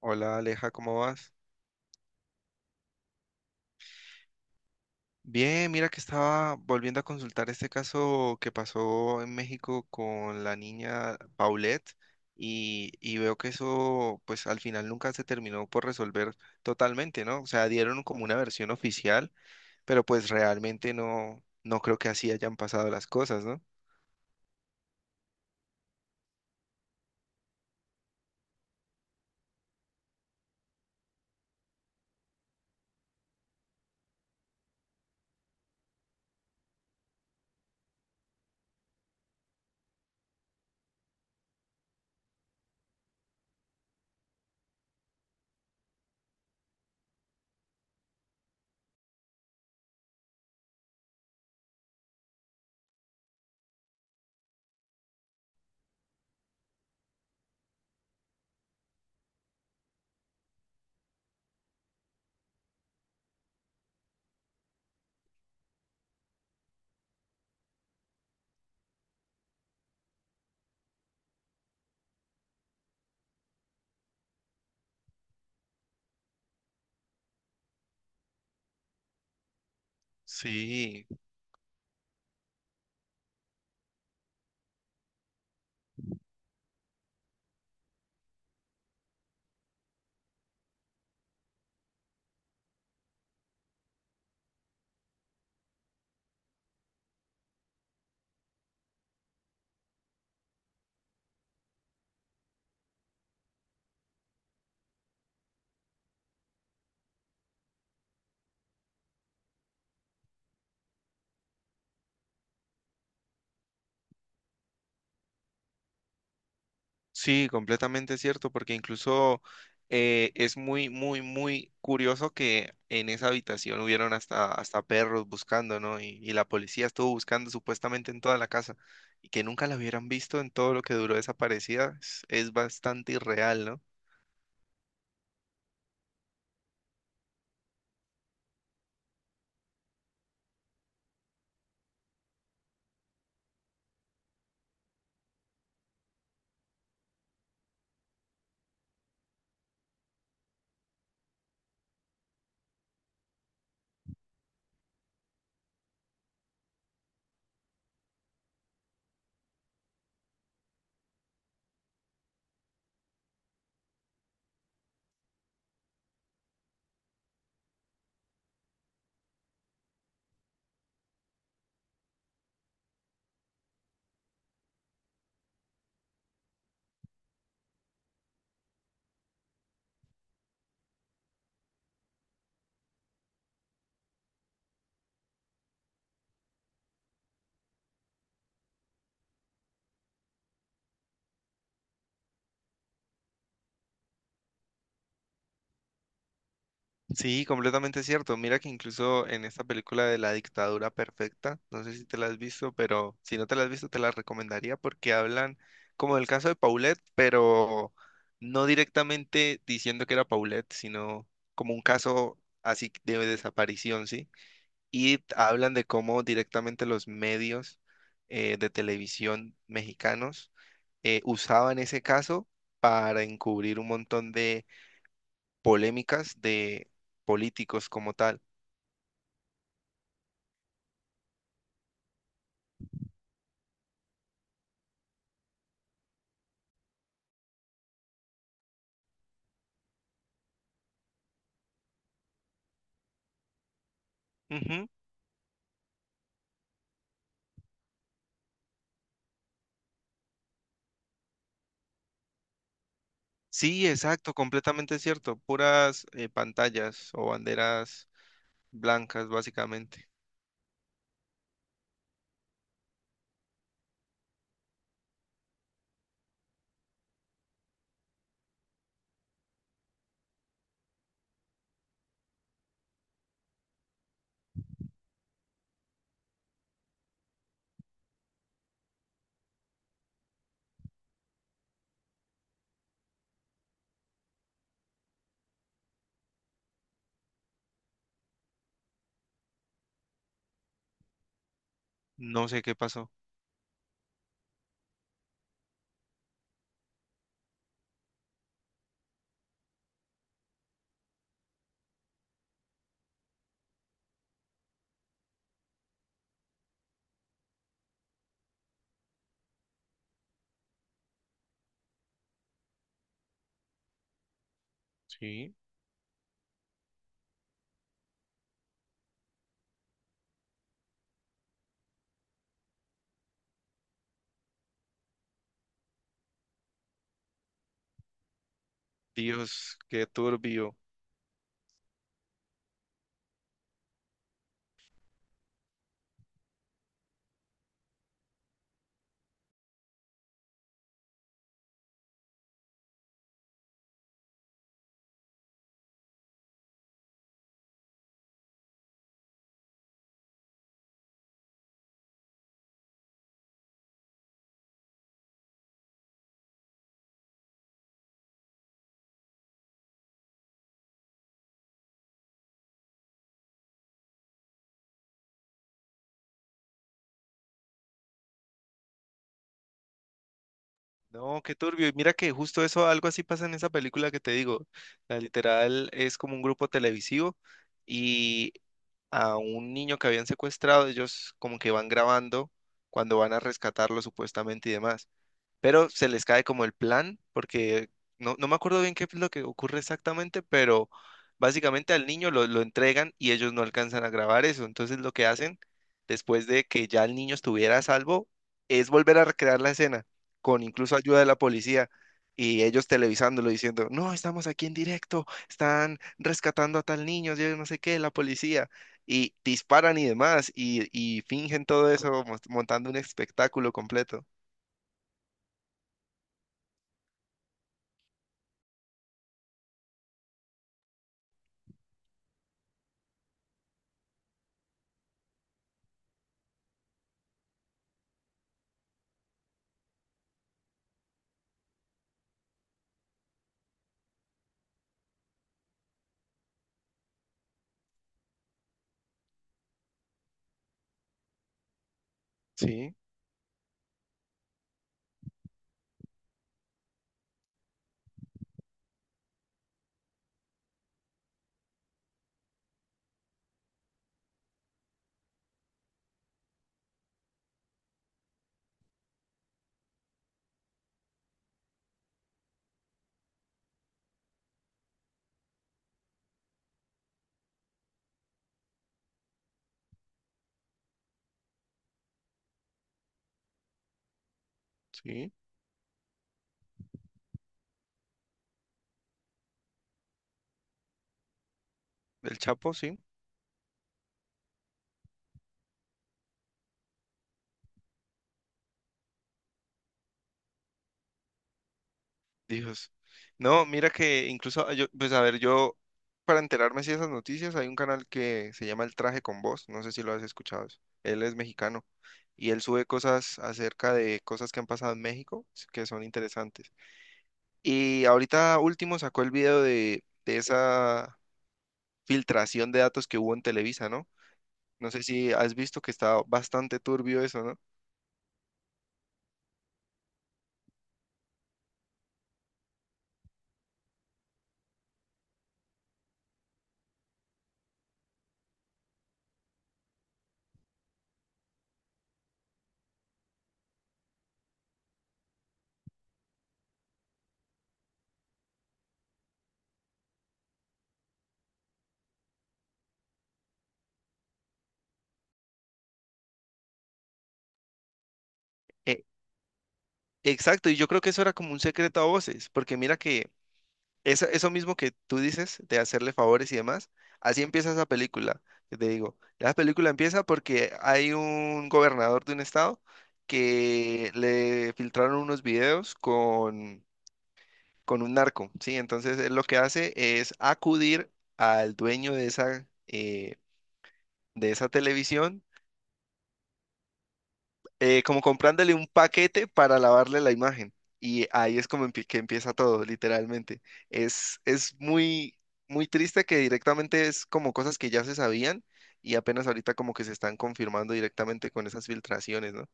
Hola Aleja, ¿cómo vas? Bien, mira que estaba volviendo a consultar este caso que pasó en México con la niña Paulette y veo que eso pues al final nunca se terminó por resolver totalmente, ¿no? O sea, dieron como una versión oficial, pero pues realmente no, no creo que así hayan pasado las cosas, ¿no? Sí. Sí, completamente cierto, porque incluso es muy, muy, muy curioso que en esa habitación hubieron hasta perros buscando, ¿no? Y la policía estuvo buscando supuestamente en toda la casa y que nunca la hubieran visto en todo lo que duró desaparecida es bastante irreal, ¿no? Sí, completamente cierto. Mira que incluso en esta película de La Dictadura Perfecta, no sé si te la has visto, pero si no te la has visto, te la recomendaría porque hablan como del caso de Paulette, pero no directamente diciendo que era Paulette, sino como un caso así de desaparición, ¿sí? Y hablan de cómo directamente los medios de televisión mexicanos usaban ese caso para encubrir un montón de polémicas de políticos como tal. Ujú. Sí, exacto, completamente cierto. Puras pantallas o banderas blancas, básicamente. No sé qué pasó. Sí. Dios, qué turbio. No, qué turbio. Y mira que justo eso, algo así pasa en esa película que te digo. La literal es como un grupo televisivo y a un niño que habían secuestrado, ellos como que van grabando cuando van a rescatarlo supuestamente y demás. Pero se les cae como el plan, porque no, no me acuerdo bien qué es lo que ocurre exactamente, pero básicamente al niño lo entregan y ellos no alcanzan a grabar eso. Entonces lo que hacen después de que ya el niño estuviera a salvo es volver a recrear la escena, con incluso ayuda de la policía. Y ellos televisándolo diciendo, no, estamos aquí en directo, están rescatando a tal niño, yo no sé qué, la policía. Y disparan y demás, y fingen todo eso montando un espectáculo completo. Sí, sí. El Chapo, sí. Dios. No, mira que incluso yo, pues a ver, yo para enterarme si esas noticias hay un canal que se llama El Traje con Voz, no sé si lo has escuchado. Él es mexicano y él sube cosas acerca de cosas que han pasado en México que son interesantes. Y ahorita último sacó el video de esa filtración de datos que hubo en Televisa, ¿no? No sé si has visto que está bastante turbio eso, ¿no? Eh, exacto, y yo creo que eso era como un secreto a voces, porque mira que eso mismo que tú dices de hacerle favores y demás, así empieza esa película. Que te digo, la película empieza porque hay un gobernador de un estado que le filtraron unos videos con un narco, ¿sí? Entonces él lo que hace es acudir al dueño de esa televisión como comprándole un paquete para lavarle la imagen. Y ahí es como que empieza todo, literalmente. Es muy, muy triste que directamente es como cosas que ya se sabían y apenas ahorita como que se están confirmando directamente con esas filtraciones, ¿no?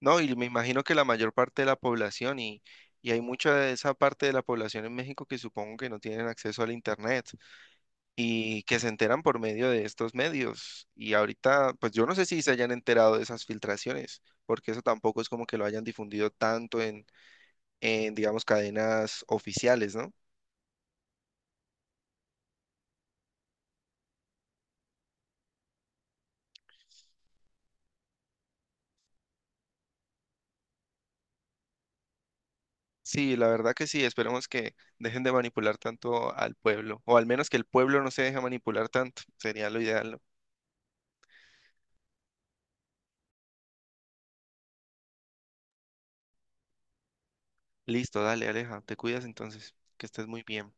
No, y me imagino que la mayor parte de la población y hay mucha de esa parte de la población en México que supongo que no tienen acceso al internet. Y que se enteran por medio de estos medios. Y ahorita, pues yo no sé si se hayan enterado de esas filtraciones, porque eso tampoco es como que lo hayan difundido tanto en digamos, cadenas oficiales, ¿no? Sí, la verdad que sí, esperemos que dejen de manipular tanto al pueblo, o al menos que el pueblo no se deje manipular tanto, sería lo ideal, ¿no? Listo, dale, Aleja, te cuidas entonces, que estés muy bien.